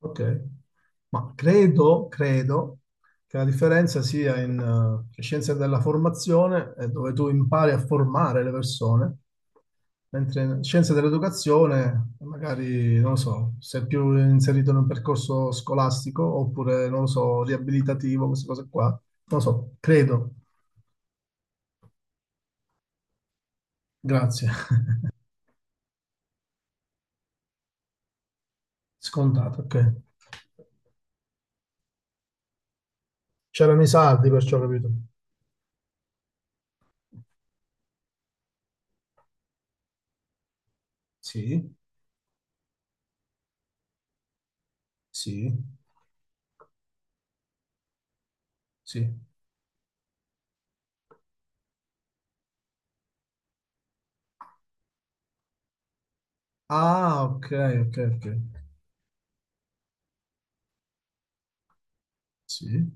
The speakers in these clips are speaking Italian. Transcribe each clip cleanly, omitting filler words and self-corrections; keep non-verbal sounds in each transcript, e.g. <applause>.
Ok, ma credo che la differenza sia in scienze della formazione, dove tu impari a formare le persone, mentre in scienze dell'educazione, magari, non lo so, sei più inserito in un percorso scolastico oppure, non lo so, riabilitativo, queste cose qua. Non lo so, credo. Grazie. <laughs> Scontato, ok. C'erano i sardi, perciò ho capito. Sì, sì, sì. Ah, ok, ok, ok. Sì.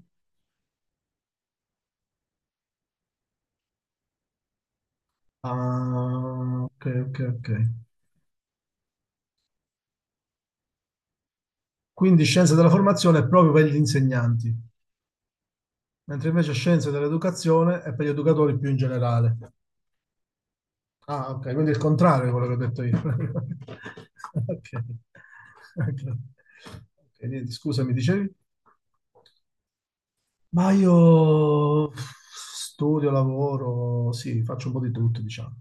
Ah, ok, ok, ok. Quindi scienze della formazione è proprio per gli insegnanti, mentre invece scienze dell'educazione è per gli educatori più in generale. Ah, ok, quindi è il contrario di quello che ho detto io. <laughs> Ok, ok. Ok, niente, scusa, mi dicevi? Ma io studio, lavoro, sì, faccio un po' di tutto, diciamo.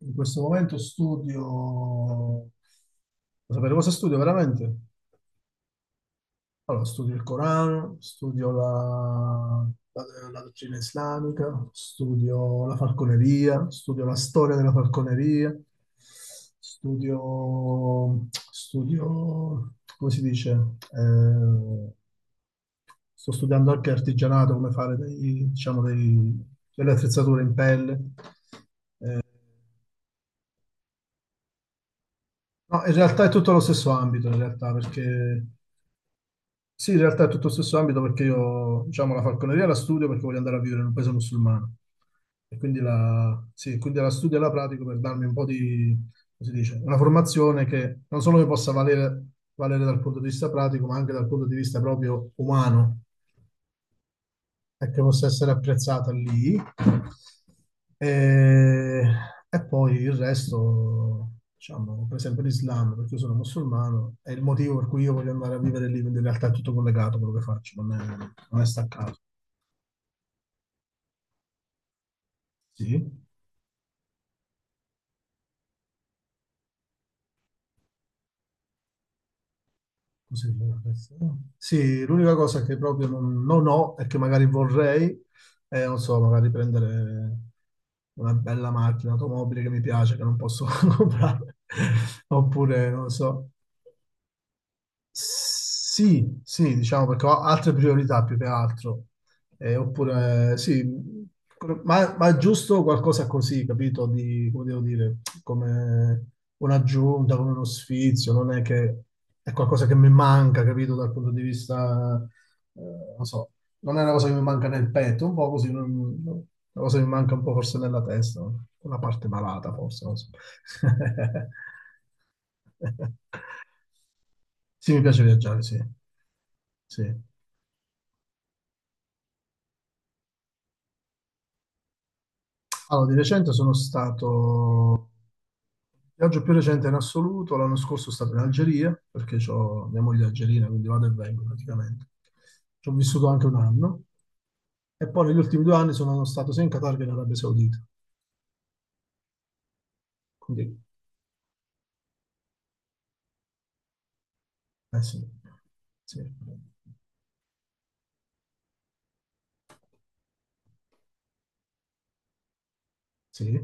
In questo momento studio... Vuoi sapere cosa studio veramente? Allora, studio il Corano, la dottrina islamica, studio la falconeria, studio la storia della falconeria, come si dice? Eh, Sto studiando anche artigianato, come fare diciamo, delle attrezzature in pelle. No, in realtà è tutto lo stesso ambito, in realtà, perché sì, in realtà è tutto lo stesso ambito perché io, diciamo, la falconeria la studio perché voglio andare a vivere in un paese musulmano. E quindi la, sì, quindi la studio e la pratico per darmi un po' di, come si dice, una formazione che non solo mi possa valere, valere dal punto di vista pratico, ma anche dal punto di vista proprio umano, e che possa essere apprezzata lì. E, e poi il resto, diciamo, per esempio l'Islam, perché io sono musulmano, è il motivo per cui io voglio andare a vivere lì, quindi in realtà è tutto collegato quello che faccio, non è, non è staccato. Sì. Così, adesso. Sì, l'unica cosa che proprio non ho e che magari vorrei è, non so, magari prendere una bella macchina, automobile che mi piace, che non posso <laughs> comprare, oppure, non so, sì, sì, diciamo perché ho altre priorità più che altro. Oppure, sì, ma è giusto qualcosa così, capito? Di, come devo dire, come un'aggiunta, come uno sfizio, non è che è qualcosa che mi manca, capito? Dal punto di vista, eh, non so, non è una cosa che mi manca nel petto, un po' così, una cosa che mi manca un po' forse nella testa, una parte malata forse, non so. <laughs> Sì, mi piace viaggiare, sì. Sì. Allora, di recente sono stato, il viaggio più recente in assoluto, l'anno scorso sono stato in Algeria, perché ho mia moglie è algerina, quindi vado e vengo praticamente. Ci ho vissuto anche un anno, e poi negli ultimi due anni sono stato sia in Qatar che in Arabia Saudita. Quindi, eh sì, sì, sì.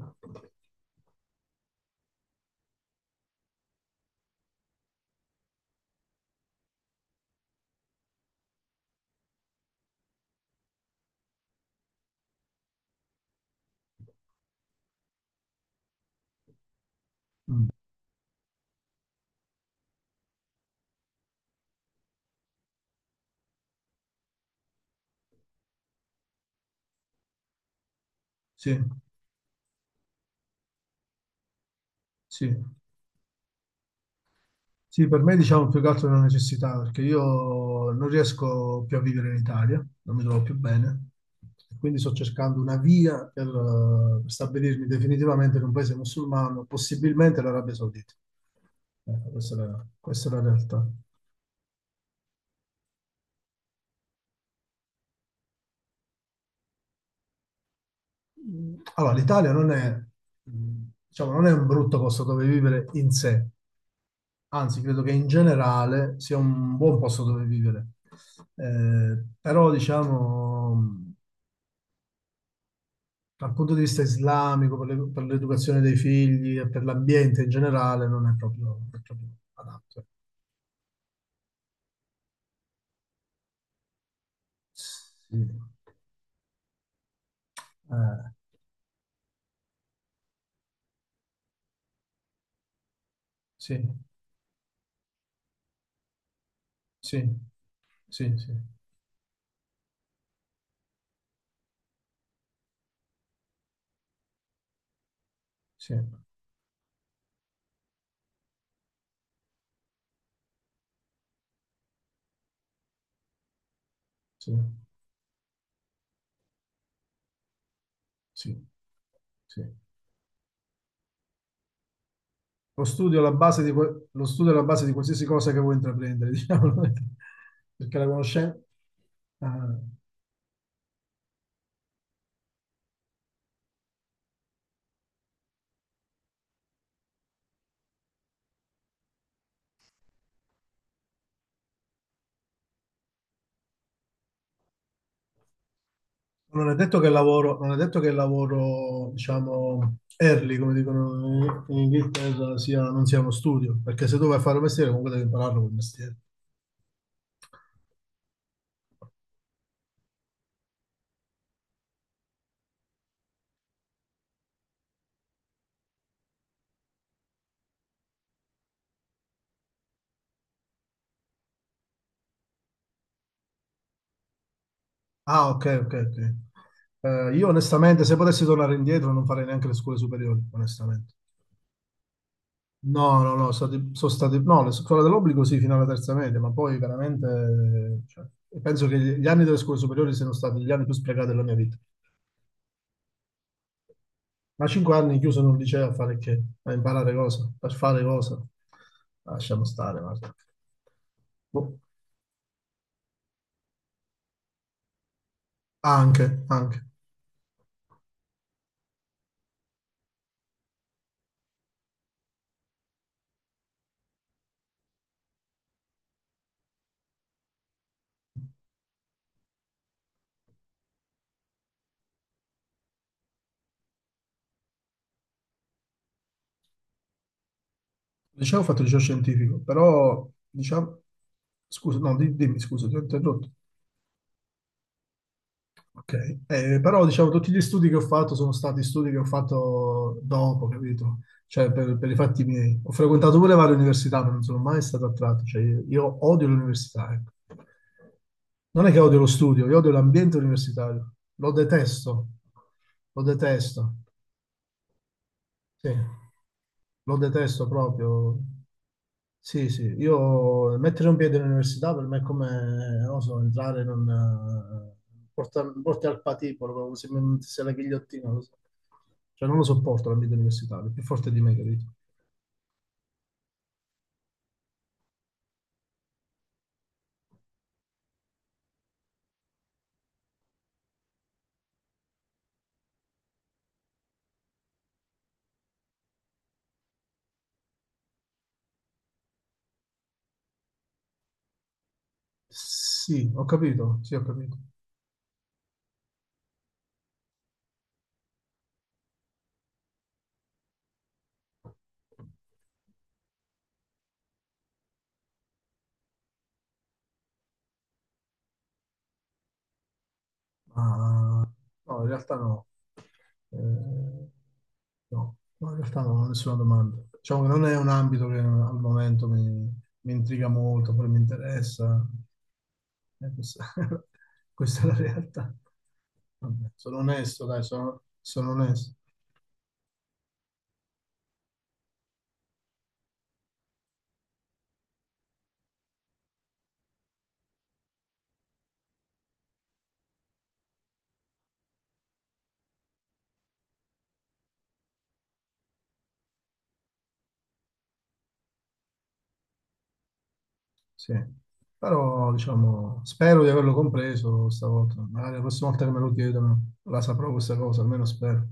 Mm. Sì, sì. Sì, per me diciamo più che altro è una necessità, perché io non riesco più a vivere in Italia, non mi trovo più bene, quindi sto cercando una via per stabilirmi definitivamente in un paese musulmano, possibilmente l'Arabia Saudita. Ecco, questa è la realtà. Allora, l'Italia non è, diciamo, non è un brutto posto dove vivere in sé, anzi, credo che in generale sia un buon posto dove vivere. Però, diciamo, dal punto di vista islamico, per l'educazione dei figli e per l'ambiente in generale, non è proprio, non è proprio adatto. Mm. Eh, sì, sì, sì, sì, sì, sì, sì, sì. Lo studio è la base di, lo studio è la base di qualsiasi cosa che vuoi intraprendere, <laughs> diciamo, perché la conoscenza... Non è detto che il lavoro, non è detto che il lavoro, diciamo, early, come dicono in Inghilterra, sia, non sia uno studio, perché se tu vai a fare un mestiere comunque devi impararlo quel mestiere. Ah, ok, ok, ok. Io onestamente, se potessi tornare indietro, non farei neanche le scuole superiori, onestamente. No, no, no, sono stati, no, le scuole dell'obbligo sì, fino alla terza media, ma poi veramente, cioè, penso che gli anni delle scuole superiori siano stati gli anni più sprecati della mia vita. Ma cinque anni chiuso in un liceo a fare che? A imparare cosa? Per fare cosa? Ah, lasciamo stare, guarda. Boh. Anche, anche. Diciamo ho fatto liceo scientifico, però diciamo... Scusa, no, dimmi, scusa, ti ho interrotto. Ok, però diciamo tutti gli studi che ho fatto sono stati studi che ho fatto dopo, capito? Cioè per i fatti miei. Ho frequentato pure varie università, ma non sono mai stato attratto. Cioè, io odio l'università, ecco. Non è che odio lo studio, io odio l'ambiente universitario. Lo detesto, lo detesto. Sì, lo detesto proprio. Sì, sì, io mettere un piede all'università per me è come, non so, entrare in un... porti al patibolo, proprio se non ti sei la ghigliottina, lo so. Cioè non lo sopporto l'ambiente universitario, è più forte di me, capito? Sì, ho capito, sì, ho capito. Ma no, in realtà no. Eh, no, no, in realtà non ho nessuna domanda. Diciamo che non è un ambito che al momento mi intriga molto, poi mi interessa. Questa, <laughs> questa è la realtà. Vabbè, sono onesto, dai, sono onesto. Sì. Però, diciamo, spero di averlo compreso stavolta. Magari la prossima volta che me lo chiedono la saprò questa cosa, almeno spero.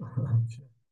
<laughs>